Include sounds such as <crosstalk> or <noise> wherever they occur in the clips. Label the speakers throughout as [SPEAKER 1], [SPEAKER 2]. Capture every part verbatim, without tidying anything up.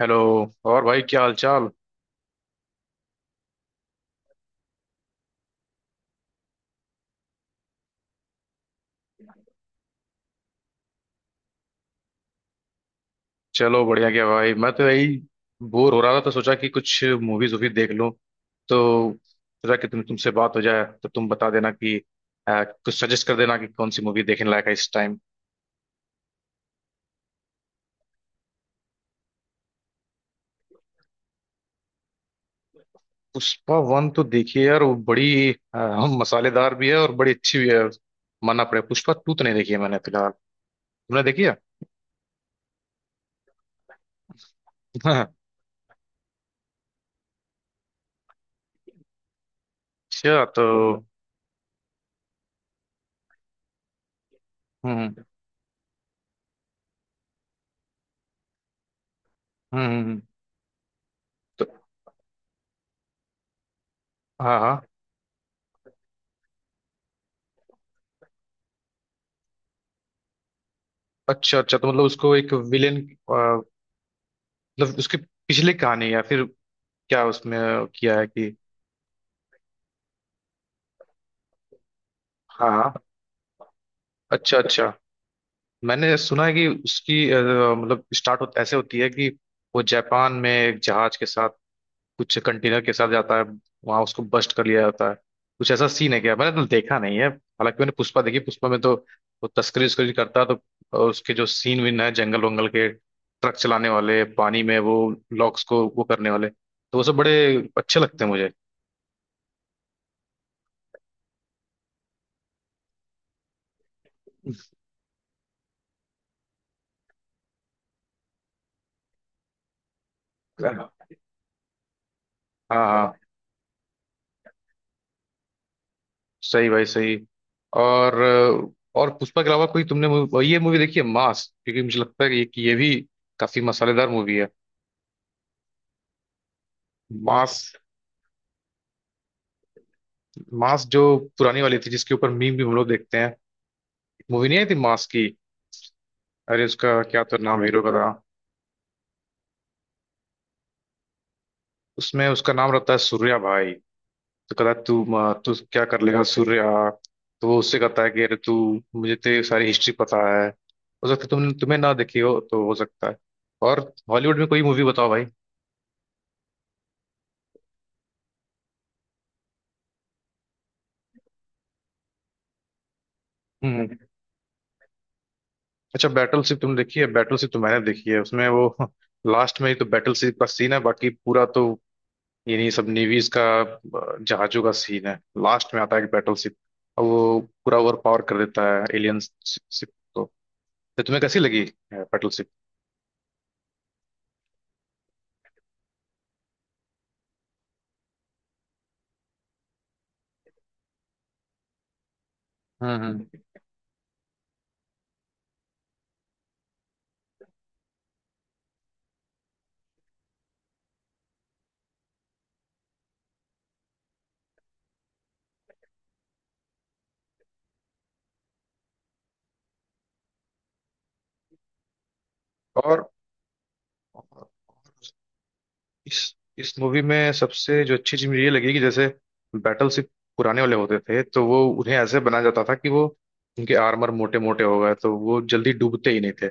[SPEAKER 1] Hello. और भाई, क्या हाल चाल। चलो बढ़िया क्या भाई, मैं तो यही बोर हो रहा था, तो सोचा कि कुछ मूवीज वूवीज देख लूं। तो सोचा कि तुम तुमसे बात हो जाए, तो तुम बता देना कि अ, कुछ सजेस्ट कर देना कि कौन सी मूवी देखने लायक है इस टाइम। पुष्पा वन तो देखिए यार, वो बड़ी अ, मसालेदार भी है और बड़ी अच्छी भी है, मानना पड़ेगा। पुष्पा टू तो नहीं देखी है मैंने फिलहाल। तुमने देखी है? <laughs> अच्छा। तो हम्म हम्म। हम्म, हम्म। तो हाँ हाँ। अच्छा अच्छा, तो मतलब उसको एक विलेन, मतलब उसके पिछले कहानी, या फिर क्या उसमें किया है कि। हाँ हाँ। अच्छा अच्छा, मैंने सुना है कि उसकी अ, मतलब स्टार्ट हो, ऐसे होती है कि वो जापान में एक जहाज के साथ, कुछ कंटेनर के साथ जाता है, वहां उसको बस्ट कर लिया जाता है। कुछ ऐसा सीन है क्या? मैंने तो देखा नहीं है हालांकि। मैंने पुष्पा देखी, पुष्पा में तो वो तस्करी उस्करी करता है, तो अ, उसके जो सीन विन है, जंगल वंगल के, ट्रक चलाने वाले, पानी में वो लॉक्स को वो करने वाले, तो वो सब बड़े अच्छे लगते हैं मुझे। हाँ हाँ, सही भाई सही। और और पुष्पा के अलावा कोई तुमने मूवी, ये मूवी देखी है मास? क्योंकि मुझे लगता है कि कि ये भी काफी मसालेदार मूवी है। मास। मास जो पुरानी वाली थी, जिसके ऊपर मीम भी हम लोग देखते हैं। मूवी नहीं आई थी मास की? अरे उसका क्या तो नाम हीरो का था। उसमें उसका नाम रहता है सूर्या भाई, तो कहता है, तू म, तू क्या कर लेगा सूर्या। तो वो उससे कहता है कि अरे तू, मुझे तेरी सारी हिस्ट्री पता है। हो सकता है तुम तुम्हें ना देखी हो, तो हो सकता है। और हॉलीवुड में कोई मूवी बताओ भाई। हम्म। अच्छा, बैटलशिप तुम देखी है? बैटलशिप तो मैंने देखी है, उसमें वो <laughs> लास्ट में ही तो बैटलशिप का सीन है, बाकी पूरा तो यही सब नेवीज का अ, जहाजों का सीन है। लास्ट में आता है एक बैटलशिप, और वो पूरा ओवर पावर कर देता है एलियन शिप को। तो तुम्हें कैसी लगी बैटलशिप? हम्म हम्म। और और इस इस मूवी में सबसे जो अच्छी चीज मुझे ये लगी कि, जैसे बैटल सिप पुराने वाले होते थे, तो वो उन्हें ऐसे बनाया जाता था कि वो, उनके आर्मर मोटे मोटे हो गए, तो वो जल्दी डूबते ही नहीं थे।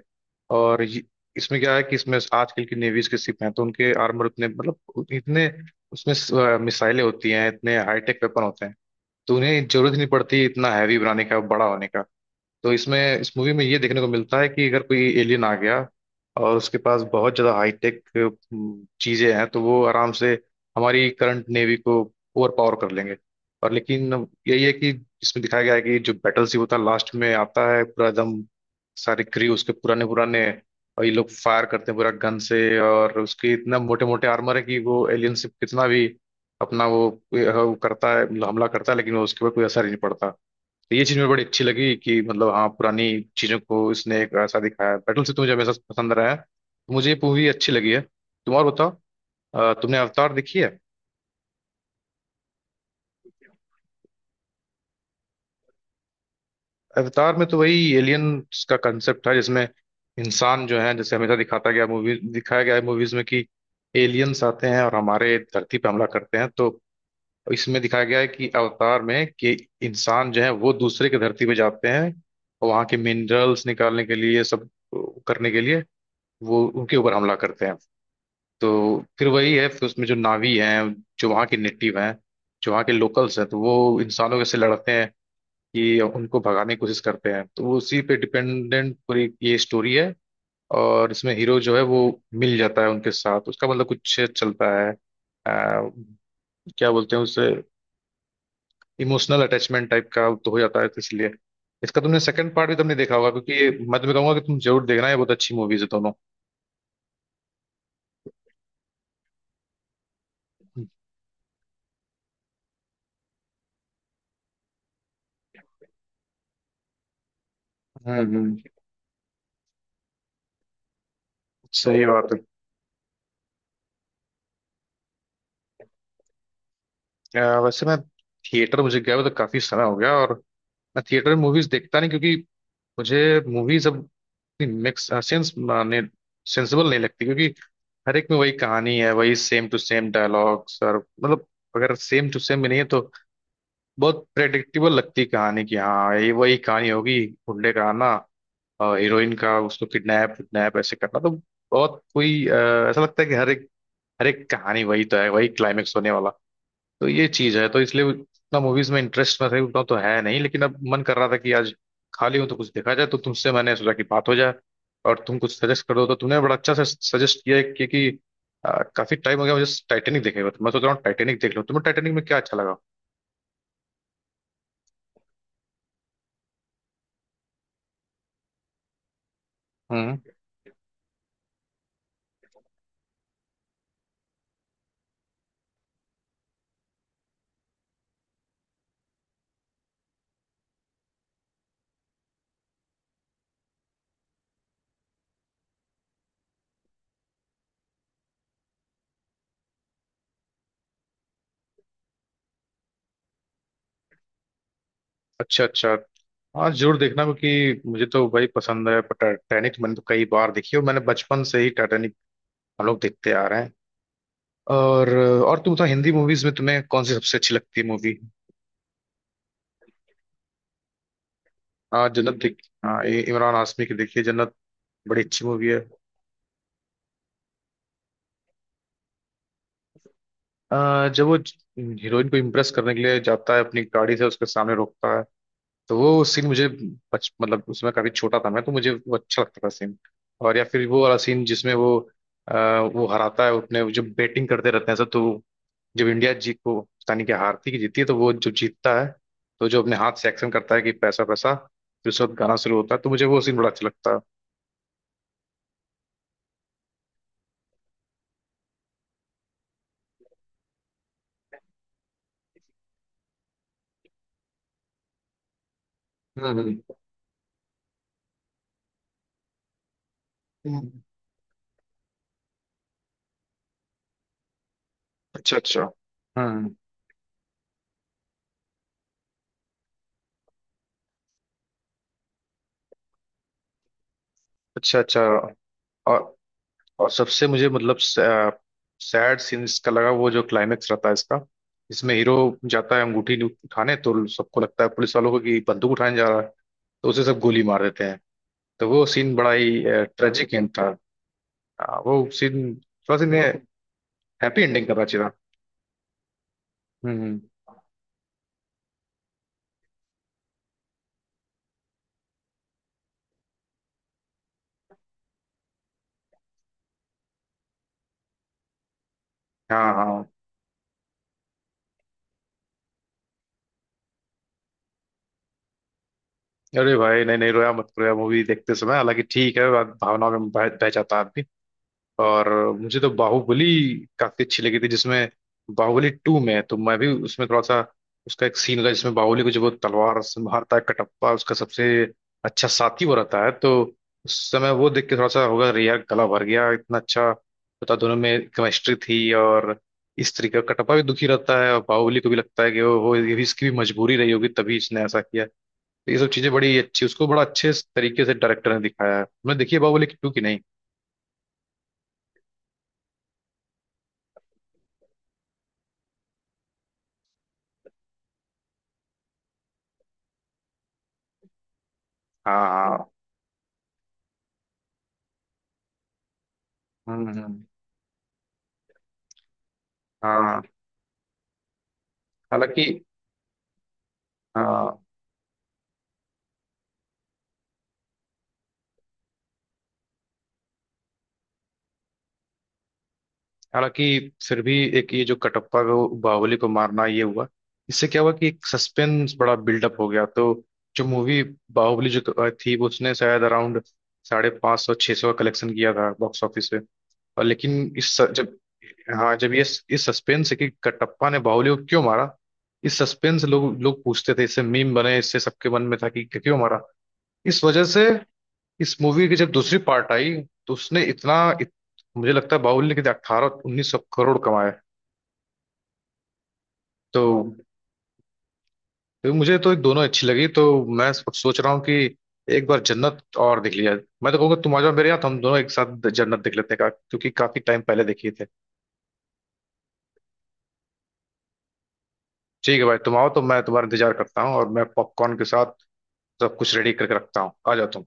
[SPEAKER 1] और ये, इसमें क्या है कि इसमें आजकल की नेवीज के शिप हैं, तो उनके आर्मर उतने मतलब इतने, उसमें स- मिसाइलें होती हैं, इतने हाईटेक वेपन होते हैं, तो उन्हें जरूरत ही नहीं पड़ती इतना हैवी बनाने का, बड़ा होने का। तो इसमें इस मूवी में ये देखने को मिलता है कि अगर कोई एलियन आ गया, और उसके पास बहुत ज़्यादा हाईटेक चीज़ें हैं, तो वो आराम से हमारी करंट नेवी को ओवर पावर कर लेंगे। और लेकिन यही है कि इसमें दिखाया गया है कि जो बैटल शिप होता है, लास्ट में आता है पूरा, एकदम सारे क्रू उसके पुराने पुराने, और ये लोग फायर करते हैं पूरा गन से, और उसके इतना मोटे मोटे आर्मर है कि वो एलियन शिप कितना भी अपना वो, वो करता है, हमला करता है, लेकिन वो उसके ऊपर कोई असर ही नहीं पड़ता। तो ये चीज मुझे बड़ी अच्छी लगी कि मतलब, हाँ पुरानी चीजों को इसने एक ऐसा दिखाया है। बैटल से तो मुझे हमेशा पसंद रहा है, तो मुझे ये मूवी अच्छी लगी है। तुम और बताओ। अ, तुमने अवतार देखी है? अवतार में तो वही एलियंस का कंसेप्ट है, जिसमें इंसान जो है, जैसे हमेशा दिखाता गया, मूवी दिखाया गया है मूवीज में कि एलियंस आते हैं और हमारे धरती पर हमला करते हैं। तो इसमें दिखाया गया है कि अवतार में कि इंसान जो है वो दूसरे के धरती पे जाते हैं, और वहाँ के मिनरल्स निकालने के लिए सब करने के लिए वो उनके ऊपर हमला करते हैं। तो फिर वही है, फिर उसमें जो नावी हैं, जो वहाँ के नेटिव हैं, जो वहाँ के लोकल्स हैं, तो वो इंसानों के से लड़ते हैं कि उनको भगाने की कोशिश करते हैं। तो वो उसी पे डिपेंडेंट पूरी ये स्टोरी है। और इसमें हीरो जो है वो मिल जाता है उनके साथ, उसका मतलब कुछ चलता है अ, क्या बोलते हैं उसे, इमोशनल अटैचमेंट टाइप का तो हो जाता है। तो इसलिए इसका तुमने सेकंड पार्ट भी तुमने देखा होगा, क्योंकि ये मैं तुम्हें कहूंगा कि तुम जरूर देखना है। बहुत अच्छी मूवीज है दोनों। हम्म हम्म। सही बात है। अ, वैसे मैं थिएटर मुझे गया हुआ तो काफी समय हो गया, और मैं थिएटर में मूवीज देखता नहीं, क्योंकि मुझे मूवीज अब मिक्स सेंस माने सेंसिबल नहीं लगती, क्योंकि हर एक में वही कहानी है, वही सेम टू सेम डायलॉग्स, और मतलब अगर सेम टू सेम भी नहीं है तो बहुत प्रेडिक्टेबल लगती है कहानी की, हाँ ये वही कहानी होगी, गुंडे का आना, और हीरोइन का उसको किडनैप किडनैप ऐसे करना। तो बहुत कोई अ, ऐसा लगता है कि हर एक, हर एक कहानी वही तो है, वही क्लाइमेक्स होने वाला है। तो ये चीज है, तो इसलिए उतना मूवीज में इंटरेस्ट मैं सही बताऊं तो है नहीं, लेकिन अब मन कर रहा था कि आज खाली हूं तो कुछ देखा जाए, तो तुमसे मैंने सोचा कि बात हो जाए, और तुम कुछ सजेस्ट कर दो। तो तुमने बड़ा अच्छा से सजेस्ट किया है, क्योंकि अ, काफी टाइम हो गया मुझे टाइटेनिक देखे हुए, तो मैं सोच रहा हूँ टाइटेनिक देख लूं। तुम्हें टाइटेनिक में क्या अच्छा लगा? हम्म। अच्छा अच्छा। हाँ जरूर देखना, क्योंकि मुझे तो भाई पसंद है। पर टाइटैनिक मैंने तो कई बार देखी है, और मैंने बचपन से ही टाइटैनिक हम लोग देखते आ रहे हैं। और और तुम तो हिंदी मूवीज में तुम्हें कौन सी सबसे अच्छी लगती है मूवी? हाँ जन्नत देख, हाँ इ- इमरान हाशमी की, देखिए जन्नत बड़ी अच्छी मूवी है। अ, जब वो हीरोइन को इम्प्रेस करने के लिए जाता है, अपनी गाड़ी से उसके सामने रोकता है, तो वो सीन मुझे, बच मतलब उसमें काफी छोटा था मैं, तो मुझे वो अच्छा लगता था सीन। और या फिर वो वाला सीन जिसमें वो अ, वो हराता है अपने वो जो बेटिंग करते रहते हैं सब, तो जब इंडिया जीत को पता नहीं क्या, हारती कि जीतती है, तो वो जो जीतता है, तो जो अपने हाथ से एक्शन करता है कि पैसा पैसा, फिर उसके बाद गाना शुरू होता है, तो मुझे वो सीन बड़ा अच्छा लगता है। हम्म हम्म। हम्म। अच्छा अच्छा। हम्म। अच्छा अच्छा। और और सबसे मुझे मतलब सैड सीन इसका लगा, वो जो क्लाइमेक्स रहता है इसका। इसमें हीरो जाता है अंगूठी नहीं उठाने, तो सबको लगता है पुलिस वालों को कि बंदूक उठाने जा रहा है, तो उसे सब गोली मार देते हैं। तो वो सीन बड़ा ही ट्रेजिक एंड था। हाँ, वो सीन थोड़ा सा इन्हें हैप्पी एंडिंग करना चाहिए था। हम्म हम्म। हाँ हाँ, अरे भाई नहीं नहीं, रोया मत, रोया मूवी देखते समय। हालांकि ठीक है, भावना में बह बह जाता है आदमी। और मुझे तो बाहुबली काफी अच्छी लगी थी, जिसमें बाहुबली टू में है, तो मैं भी उसमें थोड़ा सा उसका एक सीन लगा जिसमें बाहुबली को जब वो तलवार से मारता है कटप्पा, उसका सबसे अच्छा साथी वो रहता है, तो उस समय वो देख के थोड़ा सा होगा, अरे यार गला भर गया, इतना अच्छा पता, दोनों में केमिस्ट्री थी, और इस तरीके का। कटप्पा भी दुखी रहता है, और बाहुबली को भी लगता है कि वो वो ये भी, इसकी भी मजबूरी रही होगी तभी इसने ऐसा किया। तो ये सब चीजें बड़ी अच्छी, उसको बड़ा अच्छे तरीके से डायरेक्टर ने दिखाया है। मैं देखिए बाहुबली की टू की नहीं। हाँ हाँ। हम्म हम्म। हाँ हालांकि, हाँ हालांकि फिर भी एक ये जो कटप्पा को बाहुबली को मारना ये हुआ, इससे क्या हुआ कि एक सस्पेंस बड़ा बिल्डअप हो गया। तो जो मूवी बाहुबली जो थी, वो उसने शायद अराउंड साढ़े पाँच सौ छः सौ का कलेक्शन किया था बॉक्स ऑफिस पे। और लेकिन इस जब, हाँ जब ये इस सस्पेंस है कि कटप्पा ने बाहुबली को क्यों मारा, इस सस्पेंस लोग लोग पूछते थे, इससे मीम बने, इससे सबके मन में था कि क्यों मारा। इस वजह से इस मूवी की जब दूसरी पार्ट आई, तो उसने इतना इत, मुझे लगता है बाहुबली ने कितने अट्ठारह उन्नीस सौ करोड़ कमाए। तो तो मुझे तो दोनों अच्छी लगी। तो मैं सो- सोच रहा हूँ कि एक बार जन्नत और देख लिया। मैं तो कहूँगा तुम आ जाओ मेरे यहाँ, तो हम दोनों एक साथ जन्नत देख लेते हैं, का- क्योंकि काफी टाइम पहले देखे थे। ठीक है भाई, तुम आओ, तो मैं तुम्हारा इंतजार करता हूँ, और मैं पॉपकॉर्न के साथ सब कुछ रेडी करके रखता हूँ, आ जाओ तुम।